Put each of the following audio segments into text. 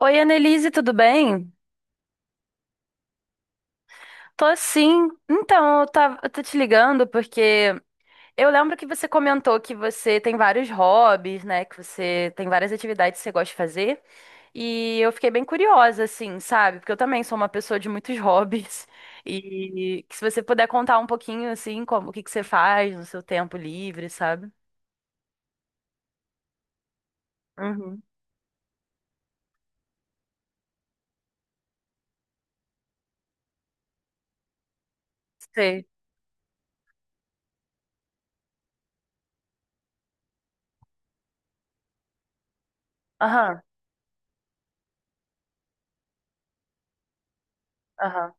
Oi, Annelise, tudo bem? Tô sim. Então, eu tô te ligando porque eu lembro que você comentou que você tem vários hobbies, né? Que você tem várias atividades que você gosta de fazer. E eu fiquei bem curiosa, assim, sabe? Porque eu também sou uma pessoa de muitos hobbies. E que se você puder contar um pouquinho, assim, como, o que que você faz no seu tempo livre, sabe? Uhum. Sei. Aham, aham.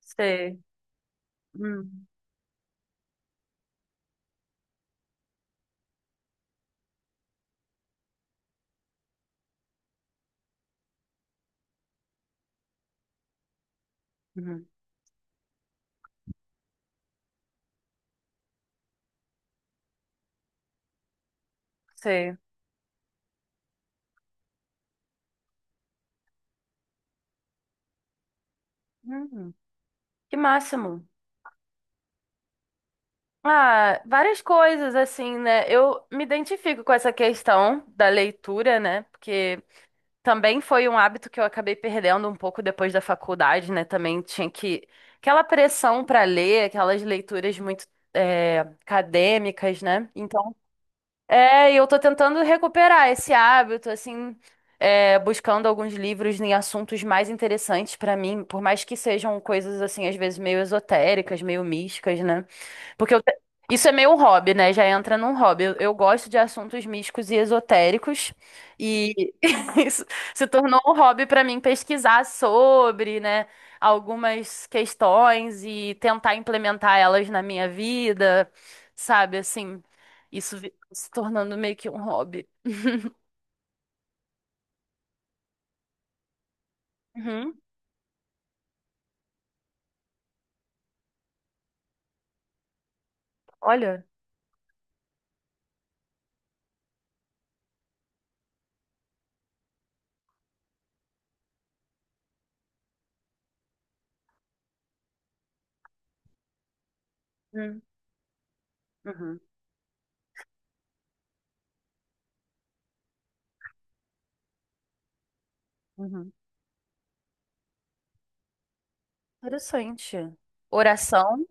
Sei. Hum, uhum. Sei. Hum, que máximo. Ah, várias coisas, assim, né? Eu me identifico com essa questão da leitura, né? Porque também foi um hábito que eu acabei perdendo um pouco depois da faculdade, né? Também tinha que. Aquela pressão para ler, aquelas leituras muito acadêmicas, né? Então é, e eu tô tentando recuperar esse hábito, assim, é, buscando alguns livros em assuntos mais interessantes pra mim, por mais que sejam coisas, assim, às vezes meio esotéricas, meio místicas, né? Porque eu te- isso é meio um hobby, né? Já entra num hobby. Eu gosto de assuntos místicos e esotéricos, e isso se tornou um hobby pra mim pesquisar sobre, né, algumas questões e tentar implementar elas na minha vida, sabe, assim. Isso se tornando meio que um hobby. Uhum. Olha, hum, uhum, uhum. Interessante. Oração.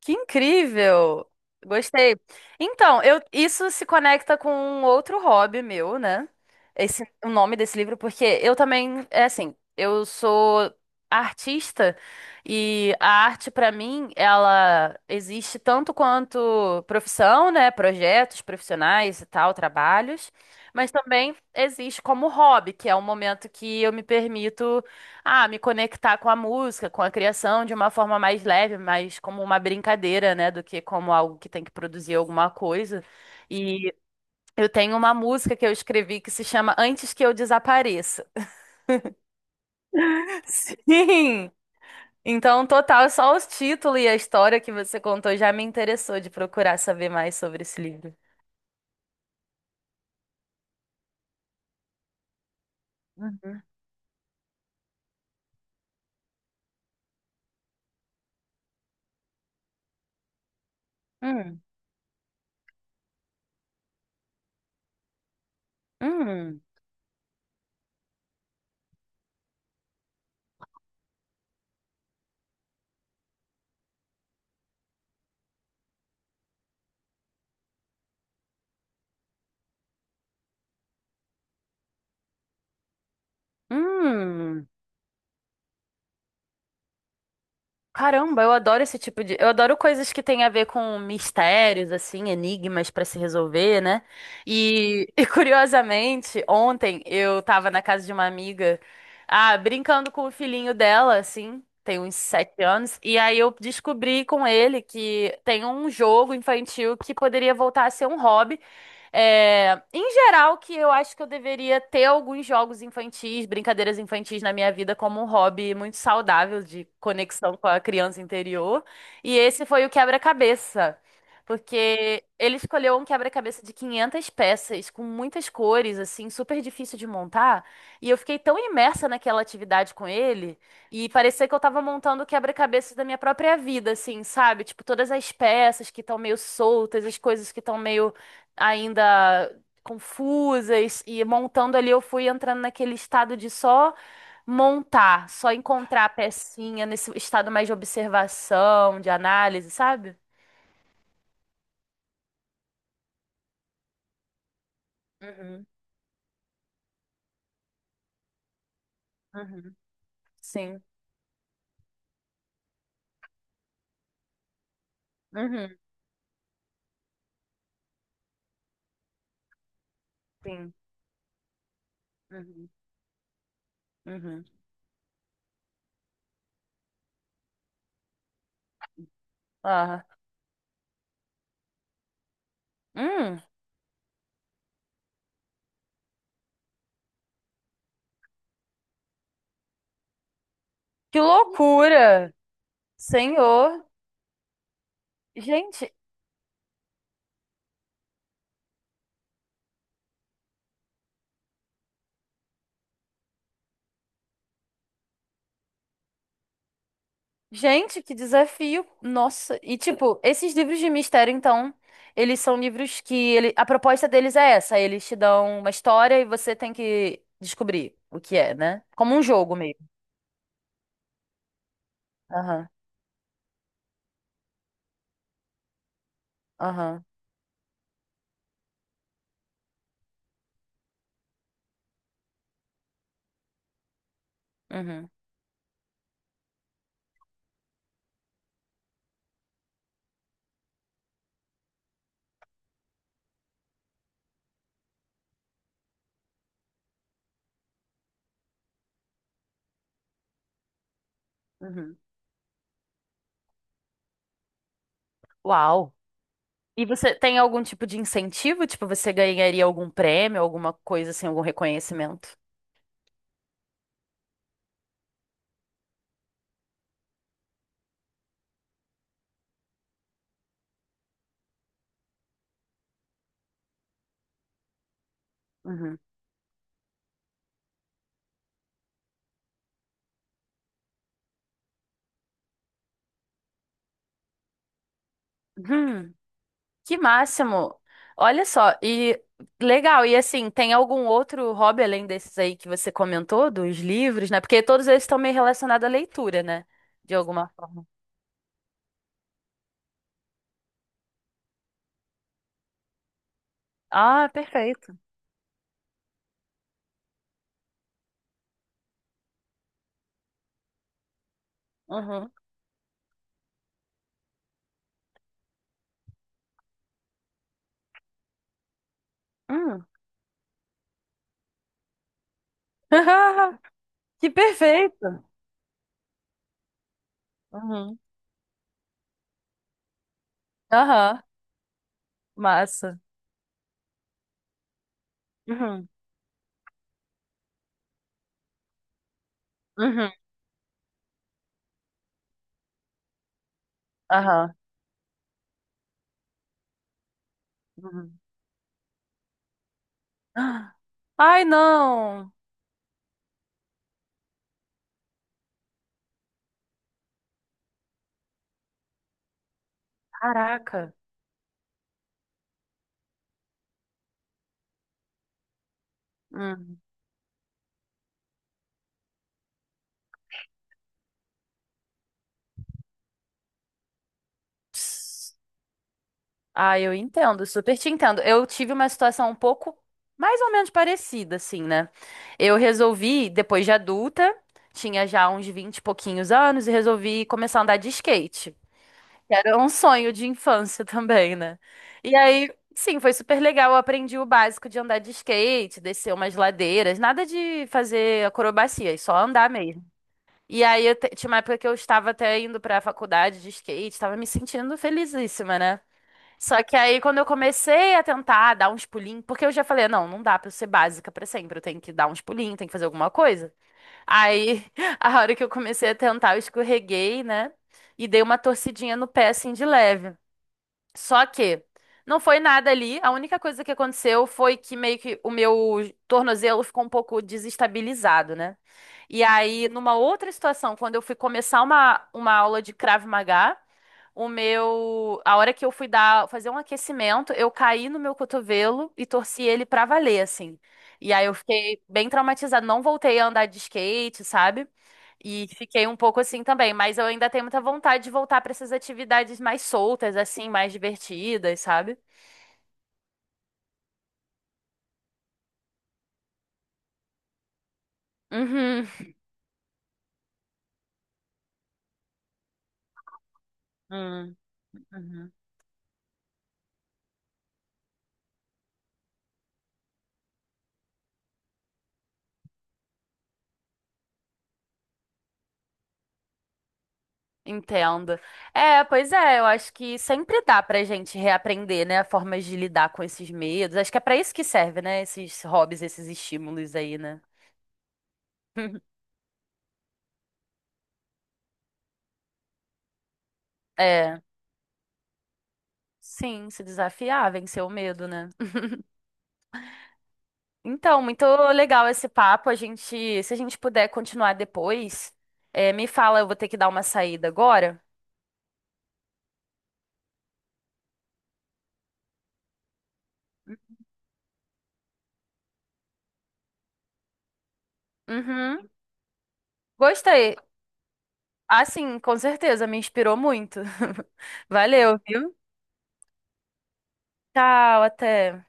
Que incrível! Gostei. Então, eu, isso se conecta com um outro hobby meu, né? Esse, o nome desse livro, porque eu também, é assim, eu sou artista e a arte, pra mim, ela existe tanto quanto profissão, né? Projetos profissionais e tal, trabalhos, mas também existe como hobby, que é um momento que eu me permito. Ah, me conectar com a música, com a criação de uma forma mais leve, mais como uma brincadeira, né, do que como algo que tem que produzir alguma coisa. E eu tenho uma música que eu escrevi que se chama Antes que eu desapareça. Sim! Então, total, só o título e a história que você contou já me interessou de procurar saber mais sobre esse livro. Uhum. Hum, hum, hum. Caramba, eu adoro esse tipo de. Eu adoro coisas que têm a ver com mistérios, assim, enigmas pra se resolver, né? E, e, curiosamente, ontem eu tava na casa de uma amiga, ah, brincando com o filhinho dela, assim, tem uns sete anos, e aí eu descobri com ele que tem um jogo infantil que poderia voltar a ser um hobby. É, em geral, que eu acho que eu deveria ter alguns jogos infantis, brincadeiras infantis na minha vida como um hobby muito saudável de conexão com a criança interior. E esse foi o quebra-cabeça, porque ele escolheu um quebra-cabeça de 500 peças, com muitas cores, assim, super difícil de montar. E eu fiquei tão imersa naquela atividade com ele, e parecia que eu tava montando o quebra-cabeça da minha própria vida, assim, sabe? Tipo, todas as peças que estão meio soltas, as coisas que estão meio ainda confusas e montando ali, eu fui entrando naquele estado de só montar, só encontrar a pecinha nesse estado mais de observação, de análise, sabe? Uhum, uhum, sim, uhum, sim, uhum, uhum. Ah, hum, que loucura, Senhor. Gente, gente, que desafio! Nossa, e tipo, esses livros de mistério, então, eles são livros que ele... A proposta deles é essa, eles te dão uma história e você tem que descobrir o que é, né? Como um jogo mesmo. Aham, aham, uhum, uhum. Uau! E você tem algum tipo de incentivo? Tipo, você ganharia algum prêmio, alguma coisa assim, algum reconhecimento? Uhum. Que máximo! Olha só, e legal, e assim, tem algum outro hobby além desses aí que você comentou, dos livros, né? Porque todos eles estão meio relacionados à leitura, né? De alguma forma. Ah, perfeito. Uhum. Hum. Que perfeito! Uhum. Aham, massa. Uhum. Uhum. Aham. Uhum. Ah. Ai, não! Caraca! Hum. Ah, eu entendo, super te entendo. Eu tive uma situação um pouco mais ou menos parecida, assim, né? Eu resolvi, depois de adulta, tinha já uns 20 e pouquinhos anos, e resolvi começar a andar de skate. Que era um sonho de infância também, né? E aí, sim, foi super legal. Eu aprendi o básico de andar de skate, descer umas ladeiras, nada de fazer acrobacia, é só andar mesmo. E aí, tinha uma época que eu estava até indo pra faculdade de skate, estava me sentindo felizíssima, né? Só que aí, quando eu comecei a tentar dar uns pulinhos, porque eu já falei, não, não dá pra eu ser básica pra sempre, eu tenho que dar uns pulinhos, tenho que fazer alguma coisa. Aí, a hora que eu comecei a tentar, eu escorreguei, né? E dei uma torcidinha no pé, assim, de leve. Só que não foi nada ali. A única coisa que aconteceu foi que meio que o meu tornozelo ficou um pouco desestabilizado, né? E aí, numa outra situação, quando eu fui começar uma aula de Krav Maga, o meu, a hora que eu fui dar, fazer um aquecimento, eu caí no meu cotovelo e torci ele pra valer, assim. E aí eu fiquei bem traumatizada, não voltei a andar de skate, sabe? E fiquei um pouco assim também, mas eu ainda tenho muita vontade de voltar para essas atividades mais soltas, assim, mais divertidas, sabe? Uhum. Hum, uhum. Entendo. É, pois é, eu acho que sempre dá pra gente reaprender, né, formas de lidar com esses medos. Acho que é pra isso que serve, né, esses hobbies, esses estímulos aí, né? É, sim, se desafiar, vencer o medo, né? Então, muito legal esse papo. A gente, se a gente puder continuar depois, é, me fala, eu vou ter que dar uma saída agora. Uhum. Gostei. Ah, sim, com certeza, me inspirou muito. Valeu, viu? Tchau, até.